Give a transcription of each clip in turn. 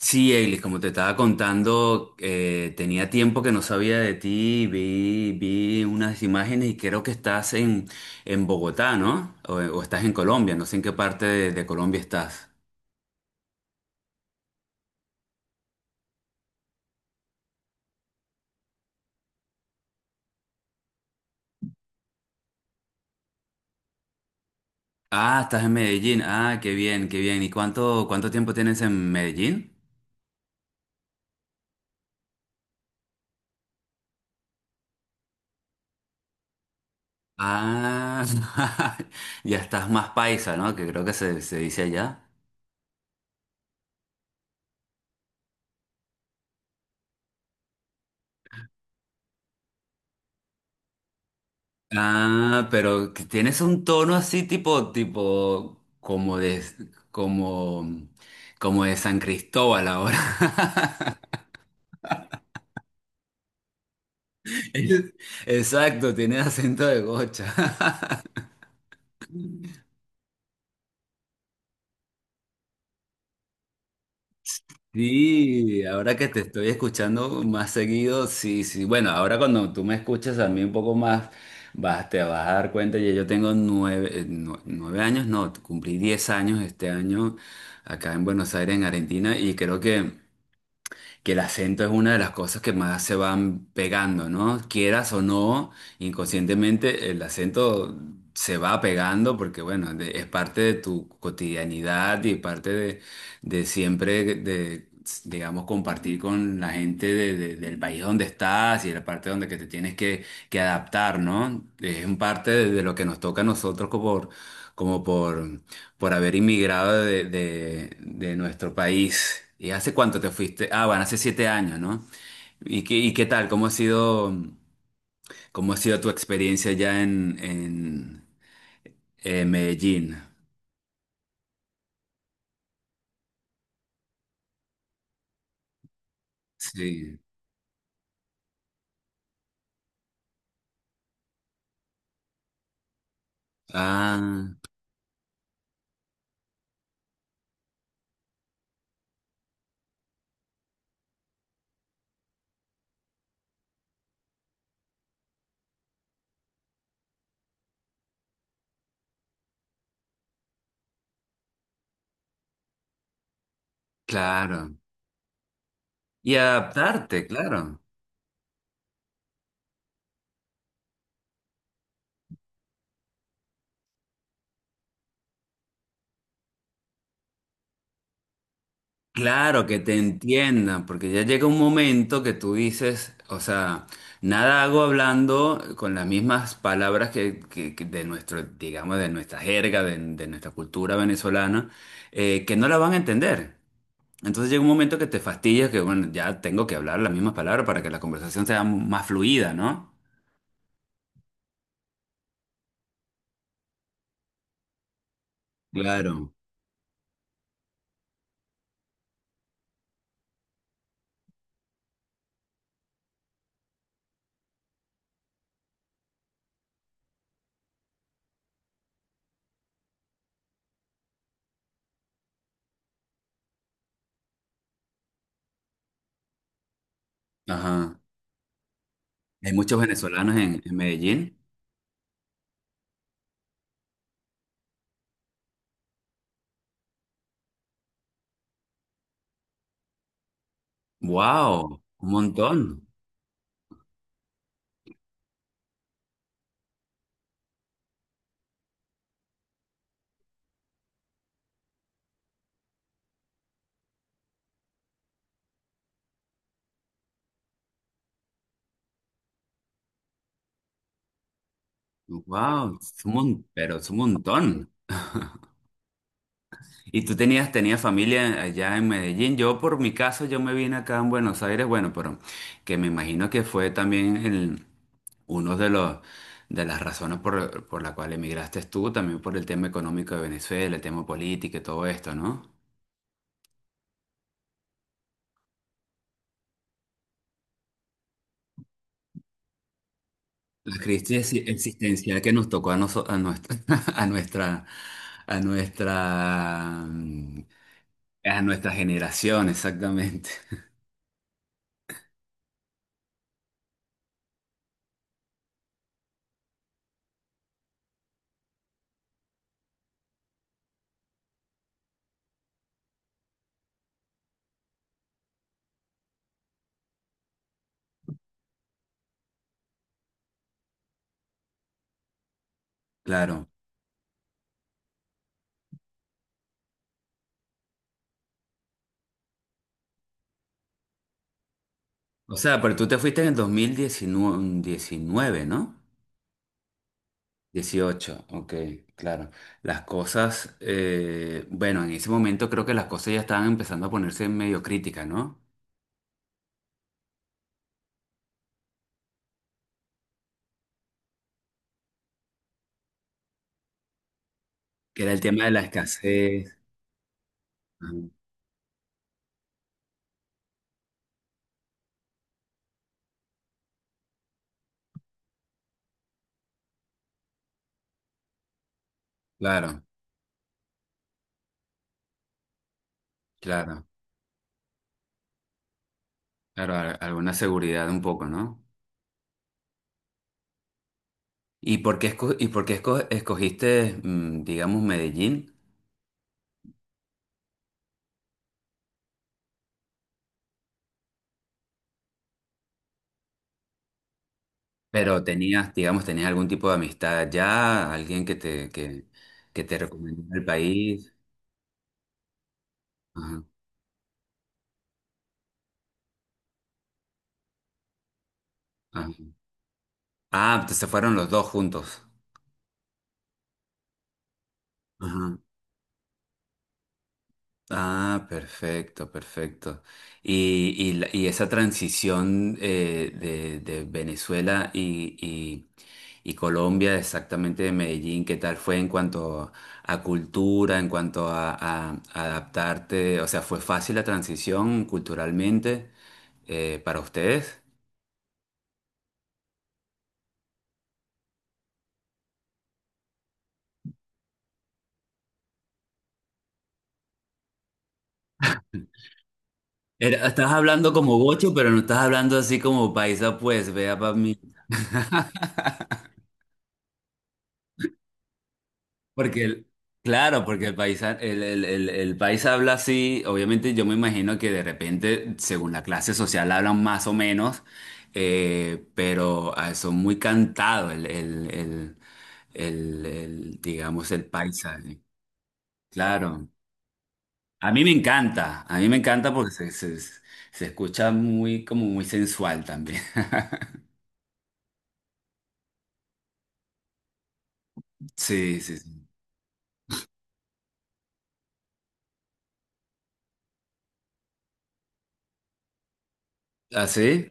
Sí, Eilis, como te estaba contando, tenía tiempo que no sabía de ti, vi unas imágenes y creo que estás en Bogotá, ¿no? O estás en Colombia, no sé en qué parte de Colombia estás. Ah, estás en Medellín, ah, qué bien, qué bien. ¿Y cuánto tiempo tienes en Medellín? Ah, ya estás más paisa, ¿no? Que creo que se dice allá. Ah, pero que tienes un tono así como de, como, como de San Cristóbal ahora. Es- Exacto, tienes acento de gocha. Sí, ahora que te estoy escuchando más seguido, sí, sí. Bueno, ahora cuando tú me escuches a mí un poco más, te vas a dar cuenta, ya yo tengo nueve años, no, cumplí 10 años este año acá en Buenos Aires, en Argentina, y creo que el acento es una de las cosas que más se van pegando, ¿no? Quieras o no, inconscientemente el acento se va pegando porque, bueno, es parte de tu cotidianidad y parte de siempre, de, digamos, compartir con la gente del país donde estás y la parte donde que te tienes que adaptar, ¿no? Es un parte de lo que nos toca a nosotros como, por como por por haber inmigrado de nuestro país. ¿Y hace cuánto te fuiste? Ah, bueno, hace 7 años, ¿no? ¿Y y qué tal? Cómo ha sido tu experiencia ya en Medellín? Sí. Ah, claro. Y adaptarte, claro. Claro, que te entiendan, porque ya llega un momento que tú dices, o sea, nada hago hablando con las mismas palabras que, que de nuestro, digamos, de nuestra jerga, de nuestra cultura venezolana, que no la van a entender. Entonces llega un momento que te fastidias, que bueno, ya tengo que hablar las mismas palabras para que la conversación sea más fluida, ¿no? Claro. Ajá. Hay muchos venezolanos en Medellín. ¡Wow! Un montón. ¡Wow! Es un pero es un montón. ¿Y tú tenías familia allá en Medellín? Yo, por mi caso, yo me vine acá en Buenos Aires, bueno, pero que me imagino que fue también uno de los, de las razones por la cual emigraste tú, también por el tema económico de Venezuela, el tema político y todo esto, ¿no? La crisis existencial que nos tocó a, a nuestra, a nuestra, a nuestra, a nuestra generación, exactamente. Claro. O sea, pero tú te fuiste en el 2019, ¿no? Dieciocho, ok, claro. Las cosas, bueno, en ese momento creo que las cosas ya estaban empezando a ponerse medio críticas, ¿no? Que era el tema de la escasez. Ajá. Claro, claro, claro, alguna seguridad un poco, ¿no? ¿Y por qué, y por qué escogiste, mm, digamos, Medellín? Pero digamos, tenías algún tipo de amistad allá, alguien que que te recomendó el país. Ajá, ajá. Ah, se fueron los dos juntos. Ajá. Ah, perfecto, perfecto. Y y esa transición de Venezuela y Colombia, exactamente de Medellín, ¿qué tal fue en cuanto a cultura, en cuanto a adaptarte? O sea, ¿fue fácil la transición culturalmente para ustedes? Estás hablando como gocho, pero no estás hablando así como paisa, pues, vea para mí. Porque el, claro, porque el paisa, el paisa habla así, obviamente yo me imagino que de repente, según la clase social, hablan más o menos, pero ah, son muy cantados digamos, el paisa. Eh, claro. A mí me encanta, a mí me encanta porque se escucha muy, como muy sensual también. Sí, sí. ¿Ah, sí? ¿Así?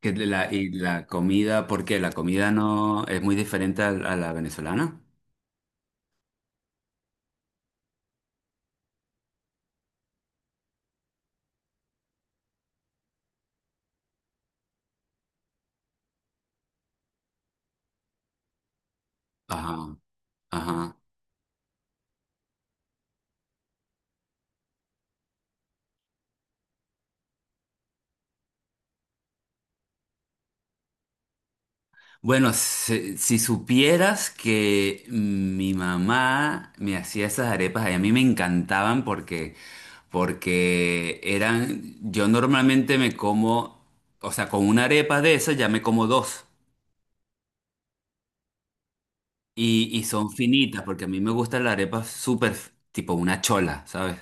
Que la, y la comida, ¿por qué? ¿La comida no es muy diferente a la venezolana? Ajá, ajá. Bueno, si supieras que mi mamá me hacía esas arepas, y a mí me encantaban porque, porque eran, yo normalmente me como, o sea, con una arepa de esas ya me como dos. Y son finitas, porque a mí me gustan las arepas súper, tipo una chola, ¿sabes?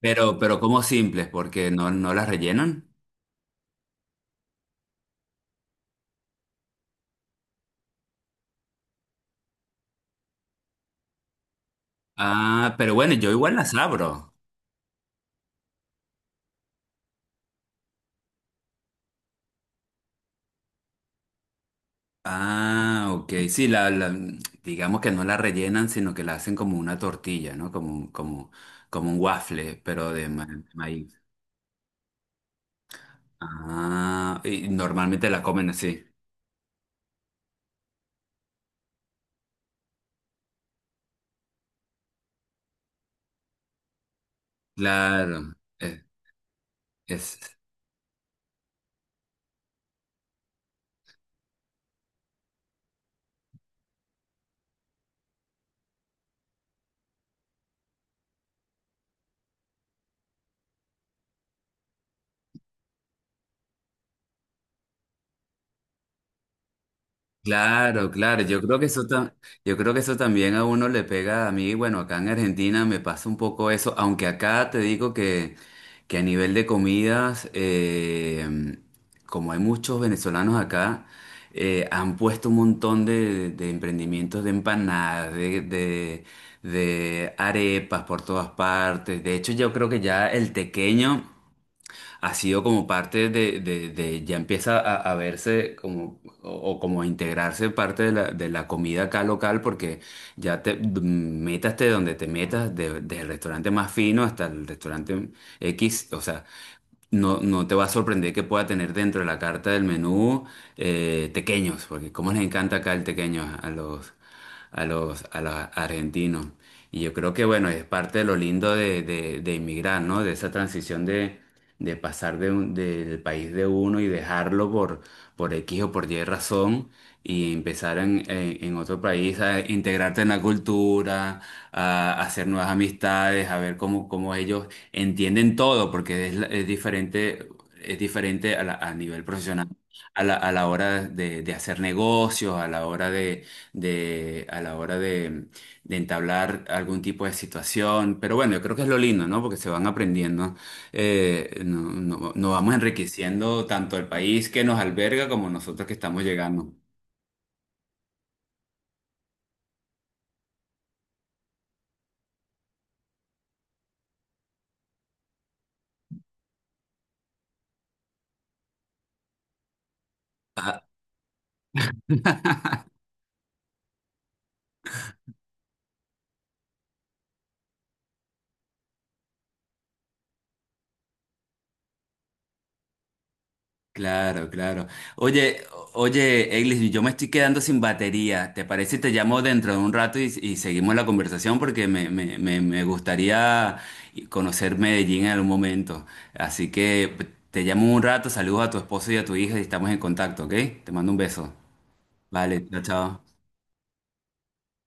Pero como simples, porque no las rellenan. Ah, pero bueno, yo igual las abro. Ah, ok. Sí, digamos que no la rellenan, sino que la hacen como una tortilla, ¿no? Como un waffle, pero de de maíz. Ah, y normalmente la comen así. Claro. Eh, es, claro, claro, yo creo que eso yo creo que eso también a uno le pega a mí, bueno, acá en Argentina me pasa un poco eso, aunque acá te digo que a nivel de comidas, como hay muchos venezolanos acá, han puesto un montón de emprendimientos de empanadas, de arepas por todas partes, de hecho yo creo que ya el tequeño ha sido como parte ya empieza a verse como, o como a integrarse parte de de la comida acá local, porque ya te mm, métaste donde te metas, desde el restaurante más fino hasta el restaurante X, o sea, no te va a sorprender que pueda tener dentro de la carta del menú tequeños, porque como les encanta acá el tequeño a a los argentinos. Y yo creo que, bueno, es parte de lo lindo de inmigrar, ¿no? De esa transición de pasar de del país de uno y dejarlo por X o por Y razón y empezar en otro país a integrarte en la cultura, a hacer nuevas amistades, a ver cómo, cómo ellos entienden todo, porque es, es diferente a nivel profesional a a la hora de hacer negocios, a la hora a la hora de entablar algún tipo de situación. Pero bueno, yo creo que es lo lindo, ¿no? Porque se van aprendiendo, nos vamos enriqueciendo tanto el país que nos alberga como nosotros que estamos llegando. Claro, claro. Oye, oye, Eglis, yo me estoy quedando sin batería. ¿Te parece si te llamo dentro de un rato y seguimos la conversación? Porque me gustaría conocer Medellín en algún momento. Así que te llamo un rato, saludos a tu esposo y a tu hija y estamos en contacto, ¿ok? Te mando un beso. Vale, chao, chao.